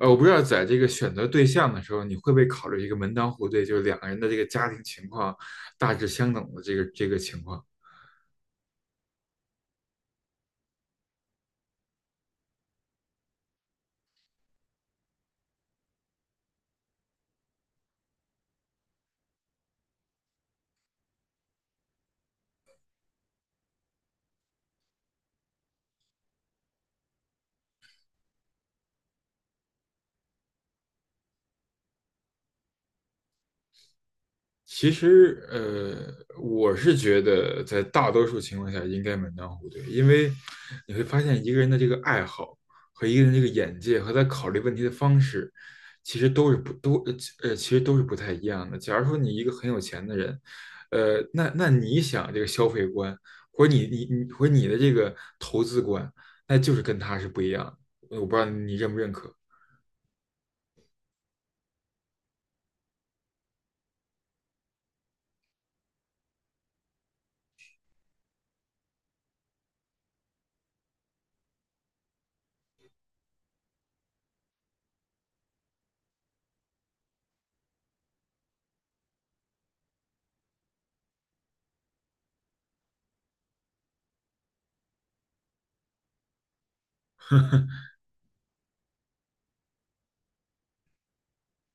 我不知道在这个选择对象的时候，你会不会考虑一个门当户对，就是两个人的这个家庭情况大致相等的这个情况？其实，我是觉得在大多数情况下应该门当户对，因为你会发现一个人的这个爱好和一个人这个眼界和他考虑问题的方式，其实都是不都呃其实都是不太一样的。假如说你一个很有钱的人，那你想这个消费观，或者你你你或者你的这个投资观，那就是跟他是不一样的。我不知道你认不认可，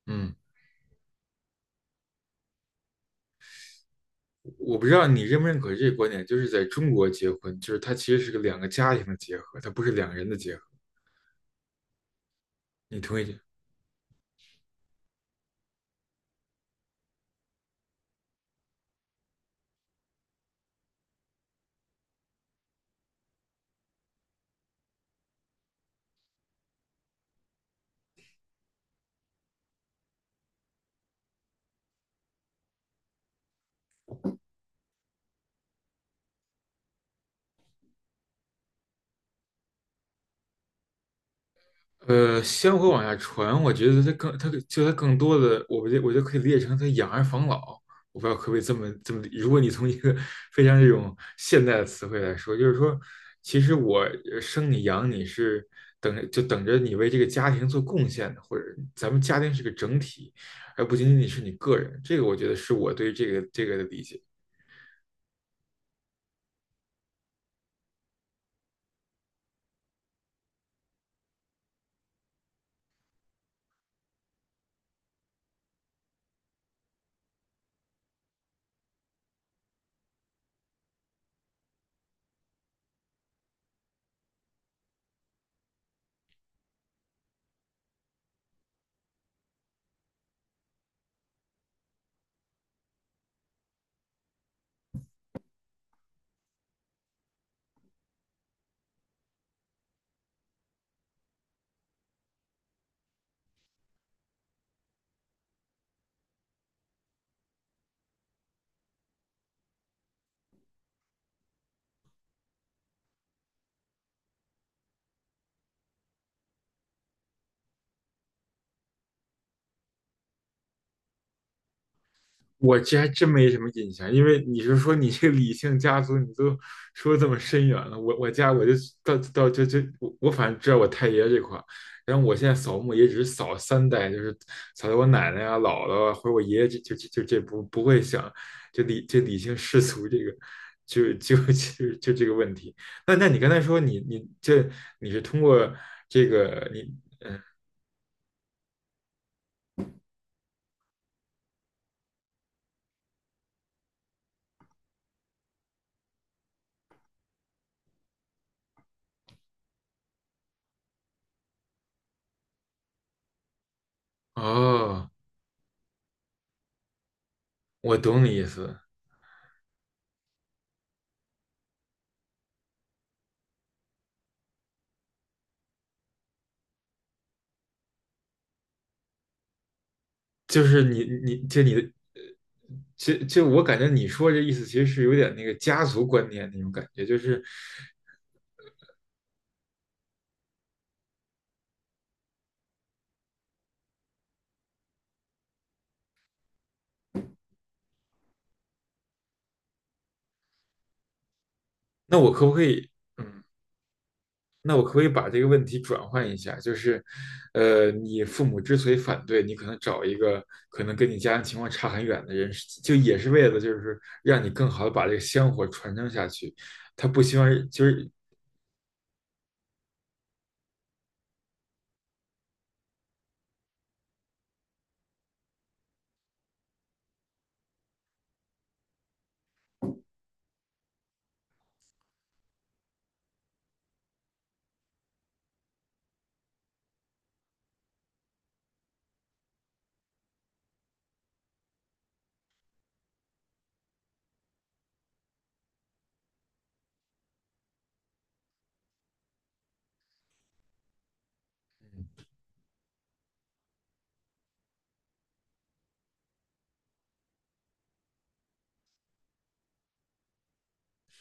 嗯。我不知道你认不认可这个观点，就是在中国结婚，就是它其实是个两个家庭的结合，它不是两个人的结合。你同意这？香火往下传，我觉得它就它更多的，我不觉得我觉得可以理解成它养儿防老。我不知道可不可以这么，如果你从一个非常这种现代的词汇来说，就是说，其实我呃生你养你是等着你为这个家庭做贡献的，或者咱们家庭是个整体，而不仅仅是你个人。这个我觉得是我对这个的理解。我这还真没什么印象，因为你是说你这个理性家族，你都说这么深远了。我我家我就到我反正知道我太爷这块儿，然后我现在扫墓也只是扫3代，就是扫到我奶奶啊、姥姥啊，或者我爷爷这就就就这不会想就理这理性世俗这个就就就就这个问题。那你刚才说你你这你是通过这个你哦，我懂你意思。就是你的就我感觉你说这意思其实是有点那个家族观念那种感觉，就是那我可不可以，嗯，那我可不可以把这个问题转换一下？就是，你父母之所以反对，你可能找一个可能跟你家庭情况差很远的人，就也是为了就是让你更好的把这个香火传承下去。他不希望就是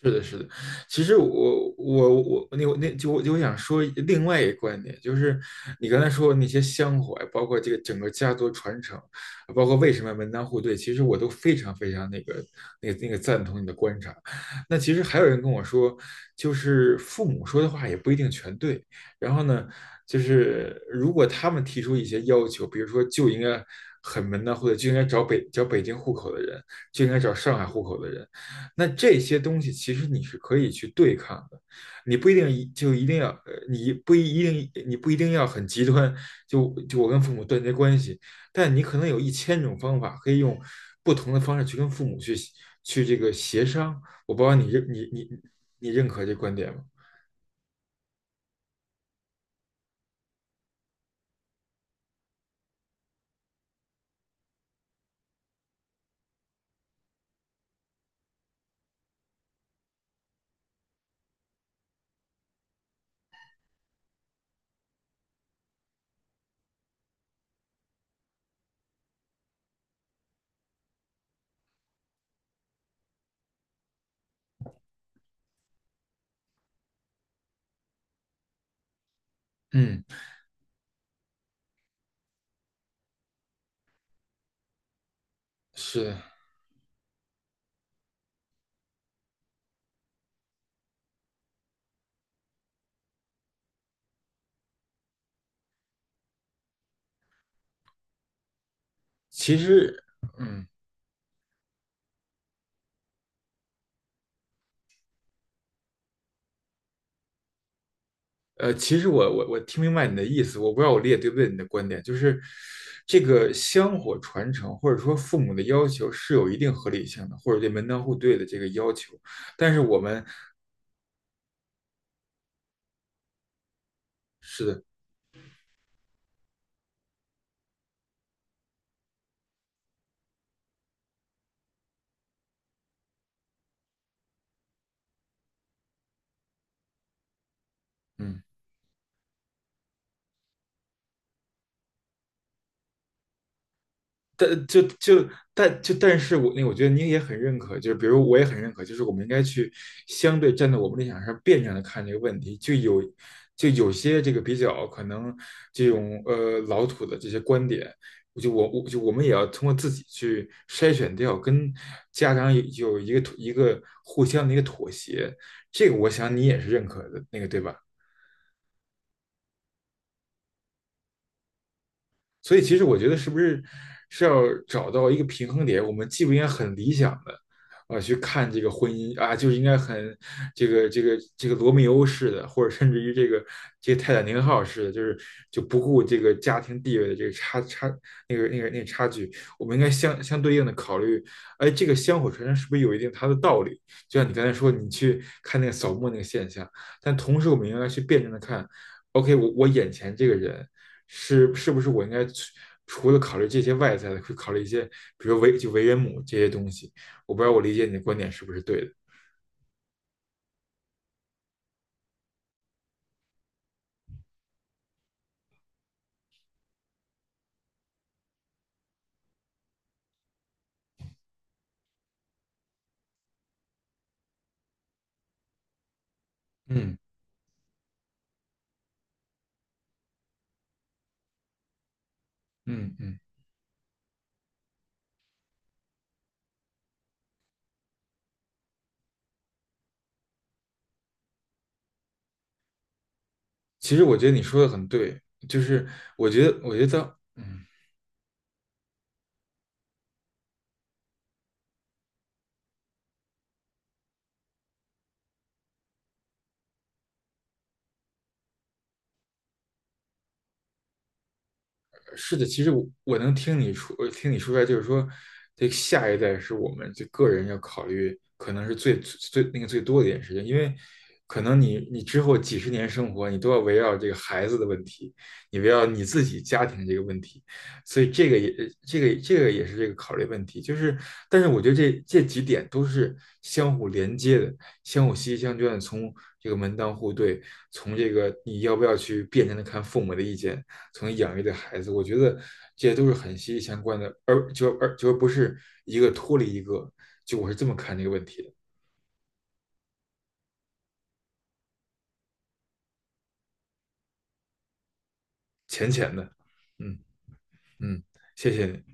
是的，是的。其实我就想说另外一个观点，就是你刚才说的那些香火，包括这个整个家族传承，包括为什么门当户对，其实我都非常非常那个赞同你的观察。那其实还有人跟我说，就是父母说的话也不一定全对。然后呢，就是如果他们提出一些要求，比如说就应该很门当户对，就应该找北京户口的人，就应该找上海户口的人。那这些东西其实你是可以去对抗的，你不一定要很极端，我跟父母断绝关系，但你可能有1000种方法可以用不同的方式去跟父母去这个协商。我不知道你认可这观点吗？嗯，是的，其实嗯。其实我听明白你的意思，我不知道我理解对不对你的观点，就是这个香火传承或者说父母的要求是有一定合理性的，或者对门当户对的这个要求，但是我们是的，嗯。但就就但就但是我觉得您也很认可，就是比如我也很认可，就是我们应该去相对站在我们立场上辩证的看这个问题，就有就有些这个比较可能这种老土的这些观点，我们也要通过自己去筛选掉，跟家长有有一个一个互相的一个妥协，这个我想你也是认可的那个对吧？所以其实我觉得是不是是要找到一个平衡点？我们既不应该很理想的啊、去看这个婚姻啊，就是应该很这个罗密欧式的，或者甚至于这个泰坦尼克号式的，就是就不顾这个家庭地位的这个差距，我们应该相对应的考虑，哎，这个香火传承是不是有一定它的道理？就像你刚才说，你去看那个扫墓那个现象，但同时我们应该去辩证的看。OK,我我眼前这个人，是不是我应该除了考虑这些外在的，会考虑一些，比如为人母这些东西？我不知道我理解你的观点是不是对的。嗯嗯嗯，其实我觉得你说的很对，就是我觉得在嗯，是的，其实我我能听你说出来，就是说，这个下一代是我们这个人要考虑，可能是最最那个最多的一件事情，因为可能你你之后几十年生活，你都要围绕这个孩子的问题，你围绕你自己家庭这个问题，所以这个也这个也是这个考虑问题，就是但是我觉得这几点都是相互连接的，相互息息相关的，从这个门当户对，从这个你要不要去辩证的看父母的意见。从养育的孩子，我觉得这些都是很息息相关的，而就不是一个脱离一个，就我是这么看这个问题的。嗯嗯，谢谢你。